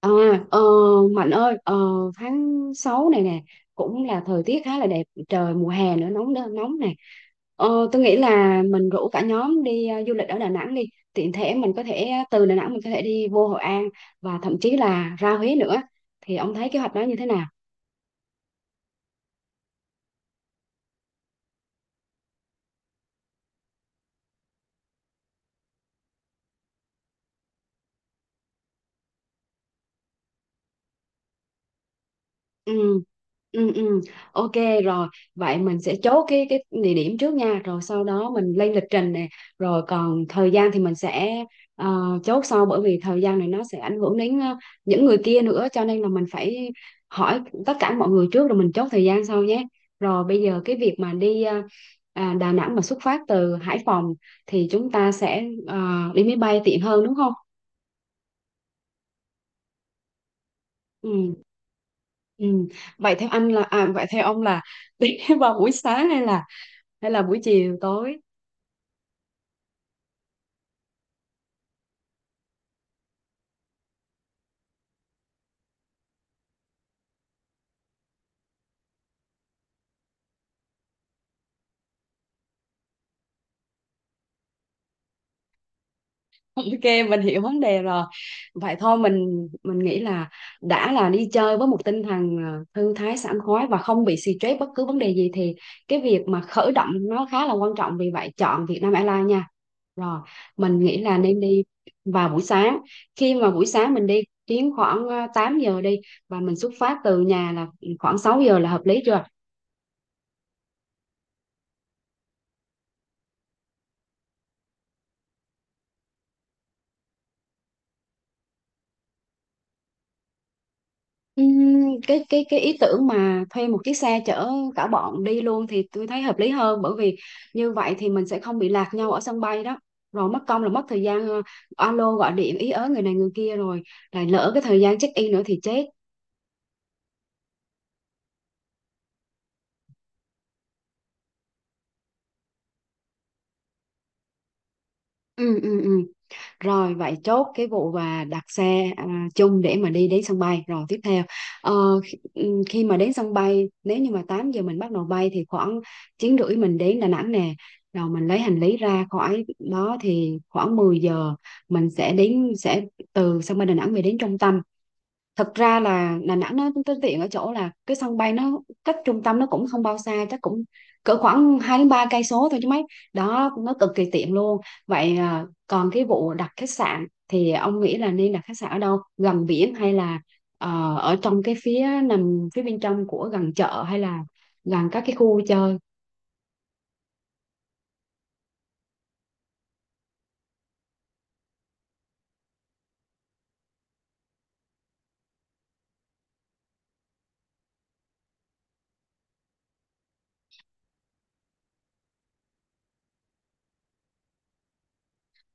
À, ờ, Mạnh ơi, tháng 6 này nè cũng là thời tiết khá là đẹp, trời mùa hè nữa nóng nóng này. Tôi nghĩ là mình rủ cả nhóm đi du lịch ở Đà Nẵng đi, tiện thể mình có thể từ Đà Nẵng mình có thể đi vô Hội An và thậm chí là ra Huế nữa. Thì ông thấy kế hoạch đó như thế nào? Ừ. Ừ, ừ. Ok, rồi vậy mình sẽ chốt cái địa điểm trước nha, rồi sau đó mình lên lịch trình nè, rồi còn thời gian thì mình sẽ chốt sau, bởi vì thời gian này nó sẽ ảnh hưởng đến những người kia nữa, cho nên là mình phải hỏi tất cả mọi người trước rồi mình chốt thời gian sau nhé. Rồi bây giờ cái việc mà đi Đà Nẵng mà xuất phát từ Hải Phòng thì chúng ta sẽ đi máy bay tiện hơn, đúng không? Ừ. Ừ. Vậy theo ông là đi vào buổi sáng hay là buổi chiều tối? Ok, mình hiểu vấn đề rồi. Vậy thôi, mình nghĩ là đã là đi chơi với một tinh thần thư thái sảng khoái và không bị stress bất cứ vấn đề gì thì cái việc mà khởi động nó khá là quan trọng, vì vậy chọn Vietnam Airlines nha. Rồi mình nghĩ là nên đi vào buổi sáng, khi mà buổi sáng mình đi chuyến khoảng 8 giờ đi, và mình xuất phát từ nhà là khoảng 6 giờ là hợp lý chưa? Ừm, cái ý tưởng mà thuê một chiếc xe chở cả bọn đi luôn thì tôi thấy hợp lý hơn, bởi vì như vậy thì mình sẽ không bị lạc nhau ở sân bay đó, rồi mất công là mất thời gian alo gọi điện ý ớ người này người kia rồi lại lỡ cái thời gian check in nữa thì chết. Ừ, ừ, ừ. Rồi vậy chốt cái vụ và đặt xe chung để mà đi đến sân bay. Rồi tiếp theo khi mà đến sân bay, nếu như mà 8 giờ mình bắt đầu bay thì khoảng 9 rưỡi mình đến Đà Nẵng nè. Rồi mình lấy hành lý ra khỏi đó thì khoảng 10 giờ mình sẽ đến, sẽ từ sân bay Đà Nẵng về đến trung tâm. Thực ra là Đà Nẵng nó tới tiện ở chỗ là cái sân bay nó cách trung tâm nó cũng không bao xa, chắc cũng cỡ khoảng 2 đến 3 cây số thôi chứ mấy, đó nó cực kỳ tiện luôn. Vậy còn cái vụ đặt khách sạn thì ông nghĩ là nên đặt khách sạn ở đâu, gần biển hay là ở trong cái phía nằm phía bên trong của gần chợ, hay là gần các cái khu chơi?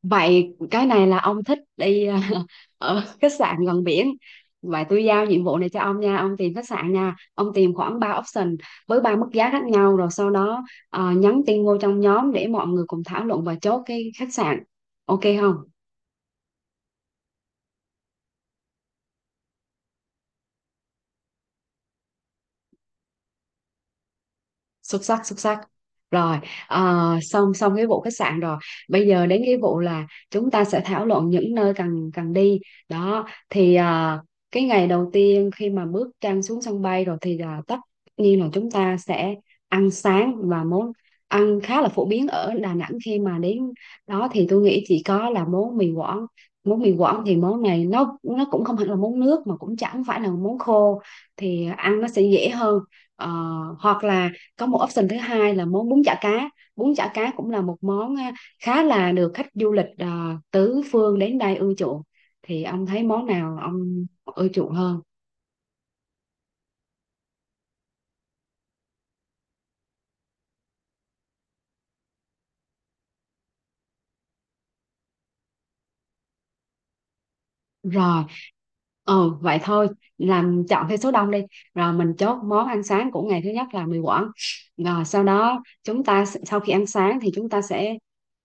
Vậy cái này là ông thích đi ở khách sạn gần biển. Vậy tôi giao nhiệm vụ này cho ông nha, ông tìm khách sạn nha. Ông tìm khoảng 3 option với 3 mức giá khác nhau, rồi sau đó nhắn tin vô trong nhóm để mọi người cùng thảo luận và chốt cái khách sạn. Ok không? Xuất sắc, xuất sắc. Rồi xong xong cái vụ khách sạn rồi, bây giờ đến cái vụ là chúng ta sẽ thảo luận những nơi cần cần đi đó, thì cái ngày đầu tiên khi mà bước chân xuống sân bay rồi thì là tất nhiên là chúng ta sẽ ăn sáng, và món ăn khá là phổ biến ở Đà Nẵng khi mà đến đó thì tôi nghĩ chỉ có là món mì Quảng. Món mì Quảng thì món này nó cũng không hẳn là món nước mà cũng chẳng phải là món khô, thì ăn nó sẽ dễ hơn. Ờ, hoặc là có một option thứ hai là món bún chả cá, bún chả cá cũng là một món khá là được khách du lịch tứ phương đến đây ưa chuộng. Thì ông thấy món nào ông ưa chuộng hơn? Rồi, ừ, vậy thôi làm chọn theo số đông đi. Rồi mình chốt món ăn sáng của ngày thứ nhất là mì Quảng. Rồi sau đó chúng ta sau khi ăn sáng thì chúng ta sẽ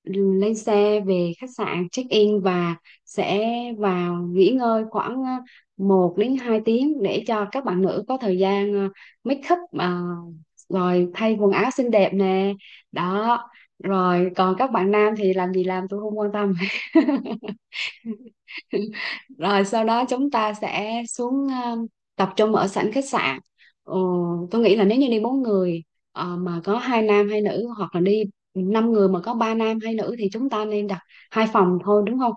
lên xe về khách sạn check in và sẽ vào nghỉ ngơi khoảng 1 đến 2 tiếng để cho các bạn nữ có thời gian make up, rồi thay quần áo xinh đẹp nè. Đó, rồi còn các bạn nam thì làm gì làm tôi không quan tâm. Rồi sau đó chúng ta sẽ xuống tập trung ở sảnh khách sạn. ừ, tôi nghĩ là nếu như đi 4 người mà có 2 nam 2 nữ, hoặc là đi 5 người mà có 3 nam 2 nữ, thì chúng ta nên đặt 2 phòng thôi, đúng không?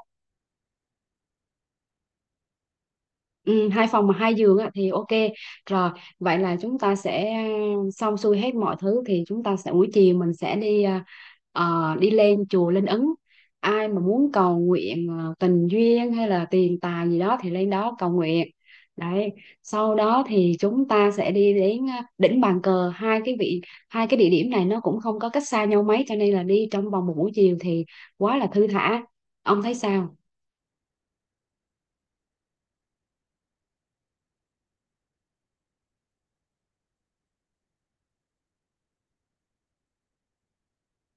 Ừ, 2 phòng mà 2 giường á, thì ok. Rồi vậy là chúng ta sẽ xong xuôi hết mọi thứ thì chúng ta sẽ, buổi chiều mình sẽ đi đi lên chùa Linh Ứng. Ai mà muốn cầu nguyện tình duyên hay là tiền tài gì đó thì lên đó cầu nguyện đấy. Sau đó thì chúng ta sẽ đi đến đỉnh bàn cờ. Hai cái địa điểm này nó cũng không có cách xa nhau mấy cho nên là đi trong vòng một buổi chiều thì quá là thư thả. Ông thấy sao?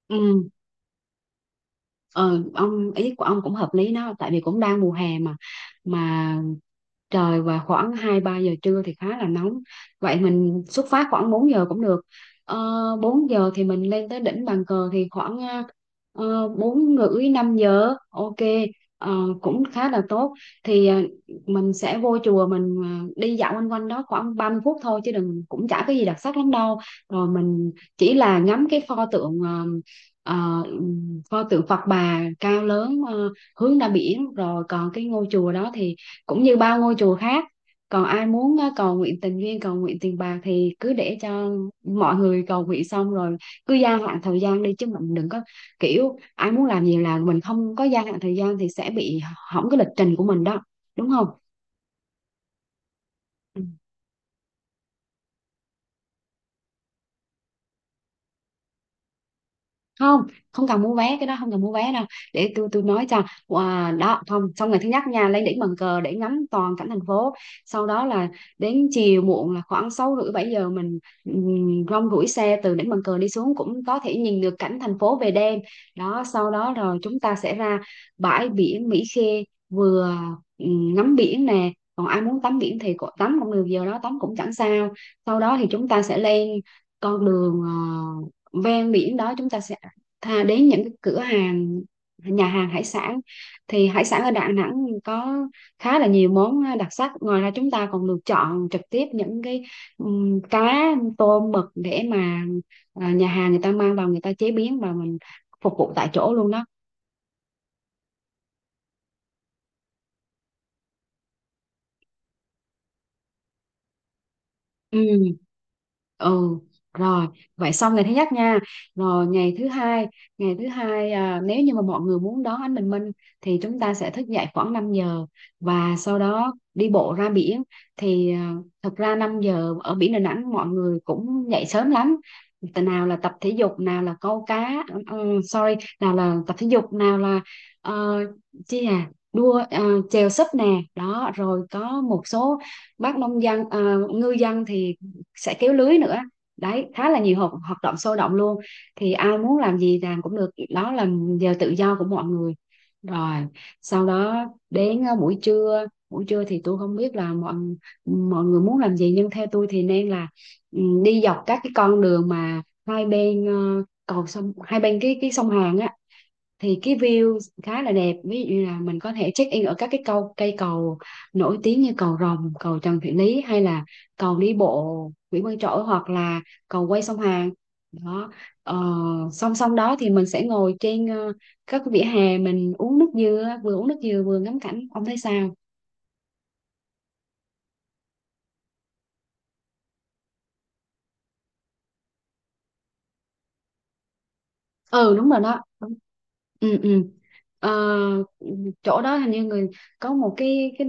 Ừ. Ờ, ông, ý của ông cũng hợp lý đó, tại vì cũng đang mùa hè mà trời và khoảng 2 3 giờ trưa thì khá là nóng. Vậy mình xuất phát khoảng 4 giờ cũng được. Ờ, 4 giờ thì mình lên tới đỉnh bàn cờ thì khoảng 4 rưỡi 5 giờ. Ok. Ờ, cũng khá là tốt. Thì mình sẽ vô chùa, mình ờ, đi dạo quanh quanh đó khoảng 30 phút thôi, chứ đừng, cũng chả cái gì đặc sắc lắm đâu. Rồi mình chỉ là ngắm cái ờ, pho tượng Phật Bà cao lớn hướng ra biển, rồi còn cái ngôi chùa đó thì cũng như bao ngôi chùa khác. Còn ai muốn cầu nguyện tình duyên, cầu nguyện tiền bạc thì cứ để cho mọi người cầu nguyện xong rồi cứ gia hạn thời gian đi, chứ mình đừng có kiểu ai muốn làm gì là mình không có gia hạn thời gian thì sẽ bị hỏng cái lịch trình của mình đó, đúng không? Không, không cần mua vé, cái đó không cần mua vé đâu, để tôi nói cho. Wow, đó không, xong ngày thứ nhất nha, lên đỉnh bàn cờ để ngắm toàn cảnh thành phố, sau đó là đến chiều muộn là khoảng 6 rưỡi 7 giờ mình rong ruổi xe từ đỉnh bàn cờ đi xuống cũng có thể nhìn được cảnh thành phố về đêm. Đó, sau đó rồi chúng ta sẽ ra bãi biển Mỹ Khê, vừa ngắm biển nè, còn ai muốn tắm biển thì tắm cũng được, giờ đó tắm cũng chẳng sao. Sau đó thì chúng ta sẽ lên con đường ven biển đó, chúng ta sẽ thà đến những cái cửa hàng, nhà hàng hải sản. Thì hải sản ở Đà Nẵng có khá là nhiều món đặc sắc, ngoài ra chúng ta còn được chọn trực tiếp những cái cá tôm mực để mà nhà hàng người ta mang vào, người ta chế biến và mình phục vụ tại chỗ luôn đó. Ừ. Ừ. Rồi vậy xong ngày thứ nhất nha. Rồi ngày thứ hai, ngày thứ hai nếu như mà mọi người muốn đón ánh bình minh thì chúng ta sẽ thức dậy khoảng 5 giờ và sau đó đi bộ ra biển. Thì thực ra 5 giờ ở biển Đà Nẵng mọi người cũng dậy sớm lắm. Tại nào là tập thể dục, nào là câu cá. ừ, sorry, nào là tập thể dục, nào là ờ, chi à đua chèo sấp nè. Đó, rồi có một số bác nông dân ngư dân thì sẽ kéo lưới nữa. Đấy, khá là nhiều hoạt động sôi động luôn. Thì ai muốn làm gì làm cũng được, đó là giờ tự do của mọi người. Rồi sau đó đến buổi trưa, thì tôi không biết là mọi mọi người muốn làm gì, nhưng theo tôi thì nên là đi dọc các cái con đường mà hai bên cầu sông, hai bên cái sông Hàn á, thì cái view khá là đẹp. Ví dụ như là mình có thể check in ở các cái cầu cây cầu nổi tiếng như Cầu Rồng, cầu Trần Thị Lý hay là cầu đi bộ Nguyễn Văn Trỗi hoặc là cầu quay sông Hàn đó. ờ, Song song đó thì mình sẽ ngồi trên các cái vỉa hè, mình uống nước dừa, vừa uống nước dừa vừa ngắm cảnh, ông thấy sao? Ừ, đúng rồi đó. Đúng. Ừ, ừ. Ờ, Chỗ đó hình như người có một cái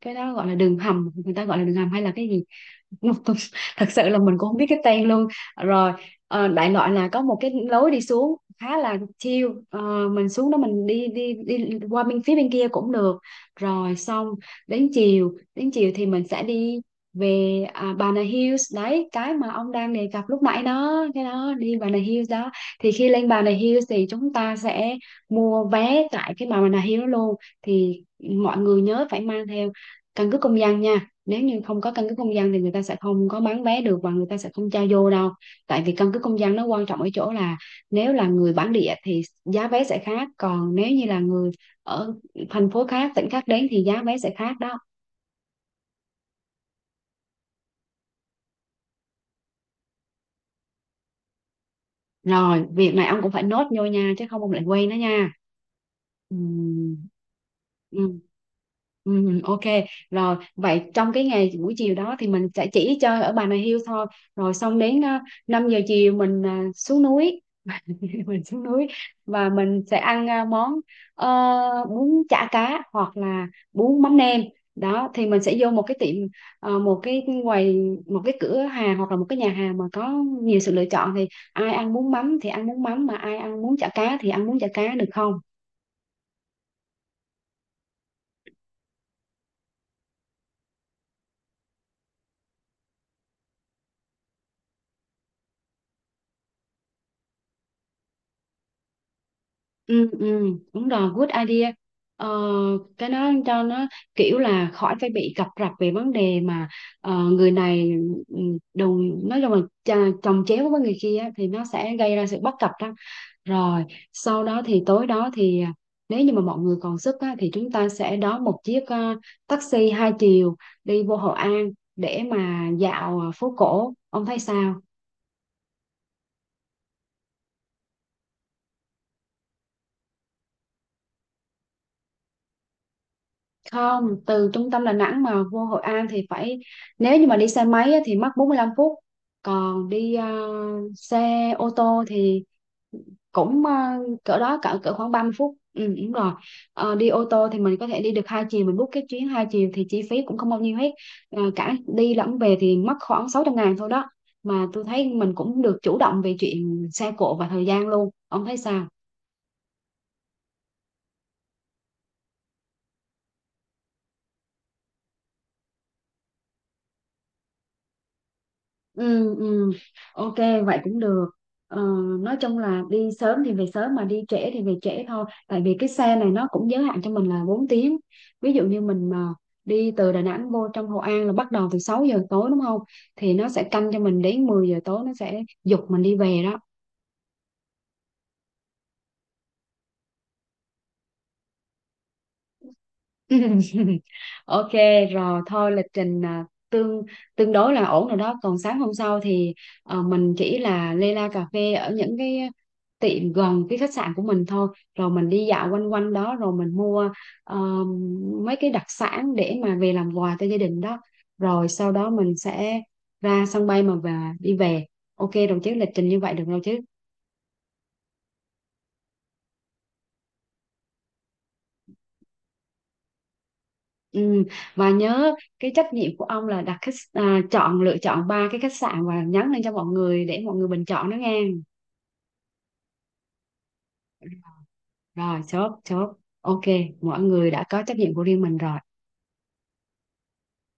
cái đó gọi là đường hầm, người ta gọi là đường hầm hay là cái gì thật sự là mình cũng không biết cái tên luôn. Rồi, đại loại là có một cái lối đi xuống khá là chill. Ờ, mình xuống đó, mình đi đi đi qua bên phía bên kia cũng được, rồi xong. Đến chiều thì mình sẽ đi về à, Bà Nà Hills, đấy cái mà ông đang đề cập lúc nãy đó, cái đó đi Bà Nà Hills đó. Thì khi lên Bà Nà Hills thì chúng ta sẽ mua vé tại cái Bà Nà Hills luôn. Thì mọi người nhớ phải mang theo căn cước công dân nha, nếu như không có căn cước công dân thì người ta sẽ không có bán vé được và người ta sẽ không cho vô đâu. Tại vì căn cước công dân nó quan trọng ở chỗ là nếu là người bản địa thì giá vé sẽ khác, còn nếu như là người ở thành phố khác, tỉnh khác đến thì giá vé sẽ khác đó. Rồi việc này ông cũng phải nốt vô nha, chứ không ông lại quên đó nha. Ừm. Ừ. Ừ, ok. Rồi vậy trong cái ngày buổi chiều đó thì mình sẽ chỉ chơi ở Bà Nà Hills thôi, rồi xong đến 5 giờ chiều mình à, xuống núi mình xuống núi và mình sẽ ăn à, món ờ, bún chả cá hoặc là bún mắm nêm đó. Thì mình sẽ vô một cái tiệm, một cái quầy, một cái cửa hàng hoặc là một cái nhà hàng mà có nhiều sự lựa chọn, thì ai ăn bún mắm thì ăn bún mắm, mà ai ăn bún chả cá thì ăn bún chả cá, được không? Ừ, ừ, đúng rồi, good idea. Ờ, cái đó cho nó kiểu là khỏi phải bị cập rập về vấn đề mà ờ, người này ừ, đồng nói chung là chồng chéo với người kia á, thì nó sẽ gây ra sự bất cập đó. Rồi, sau đó thì tối đó thì à, nếu như mà mọi người còn sức á, thì chúng ta sẽ đón một chiếc taxi hai chiều đi vô Hội An để mà dạo phố cổ. Ông thấy sao? Không, từ trung tâm Đà Nẵng mà vô Hội An thì phải, nếu như mà đi xe máy á, thì mất 45 phút, còn đi xe ô tô thì cũng cỡ đó, cỡ cỡ khoảng 30 phút, ừ, đúng rồi. Ờ, đi ô tô thì mình có thể đi được hai chiều, mình book cái chuyến hai chiều thì chi phí cũng không bao nhiêu hết. Ờ, cả đi lẫn về thì mất khoảng 600 nghìn thôi đó, mà tôi thấy mình cũng được chủ động về chuyện xe cộ và thời gian luôn, ông thấy sao? Ừ, ừ. Ok, vậy cũng được. ờ, nói chung là đi sớm thì về sớm, mà đi trễ thì về trễ thôi, tại vì cái xe này nó cũng giới hạn cho mình là 4 tiếng. Ví dụ như mình mà đi từ Đà Nẵng vô trong Hội An là bắt đầu từ 6 giờ tối, đúng không? Thì nó sẽ canh cho mình đến 10 giờ tối, nó sẽ giục mình đi về đó. Ok, rồi thôi lịch trình à, tương tương đối là ổn rồi đó. Còn sáng hôm sau thì mình chỉ là lê la cà phê ở những cái tiệm gần cái khách sạn của mình thôi, rồi mình đi dạo quanh quanh đó, rồi mình mua ờ, mấy cái đặc sản để mà về làm quà cho gia đình đó. Rồi sau đó mình sẽ ra sân bay mà và đi về. Ok đồng chí, lịch trình như vậy được rồi chứ? Ừ, và nhớ cái trách nhiệm của ông là đặt khách à, chọn lựa chọn 3 cái khách sạn và nhắn lên cho mọi người để mọi người bình chọn đó nghe. Rồi, chốt chốt. Ok, mọi người đã có trách nhiệm của riêng mình rồi.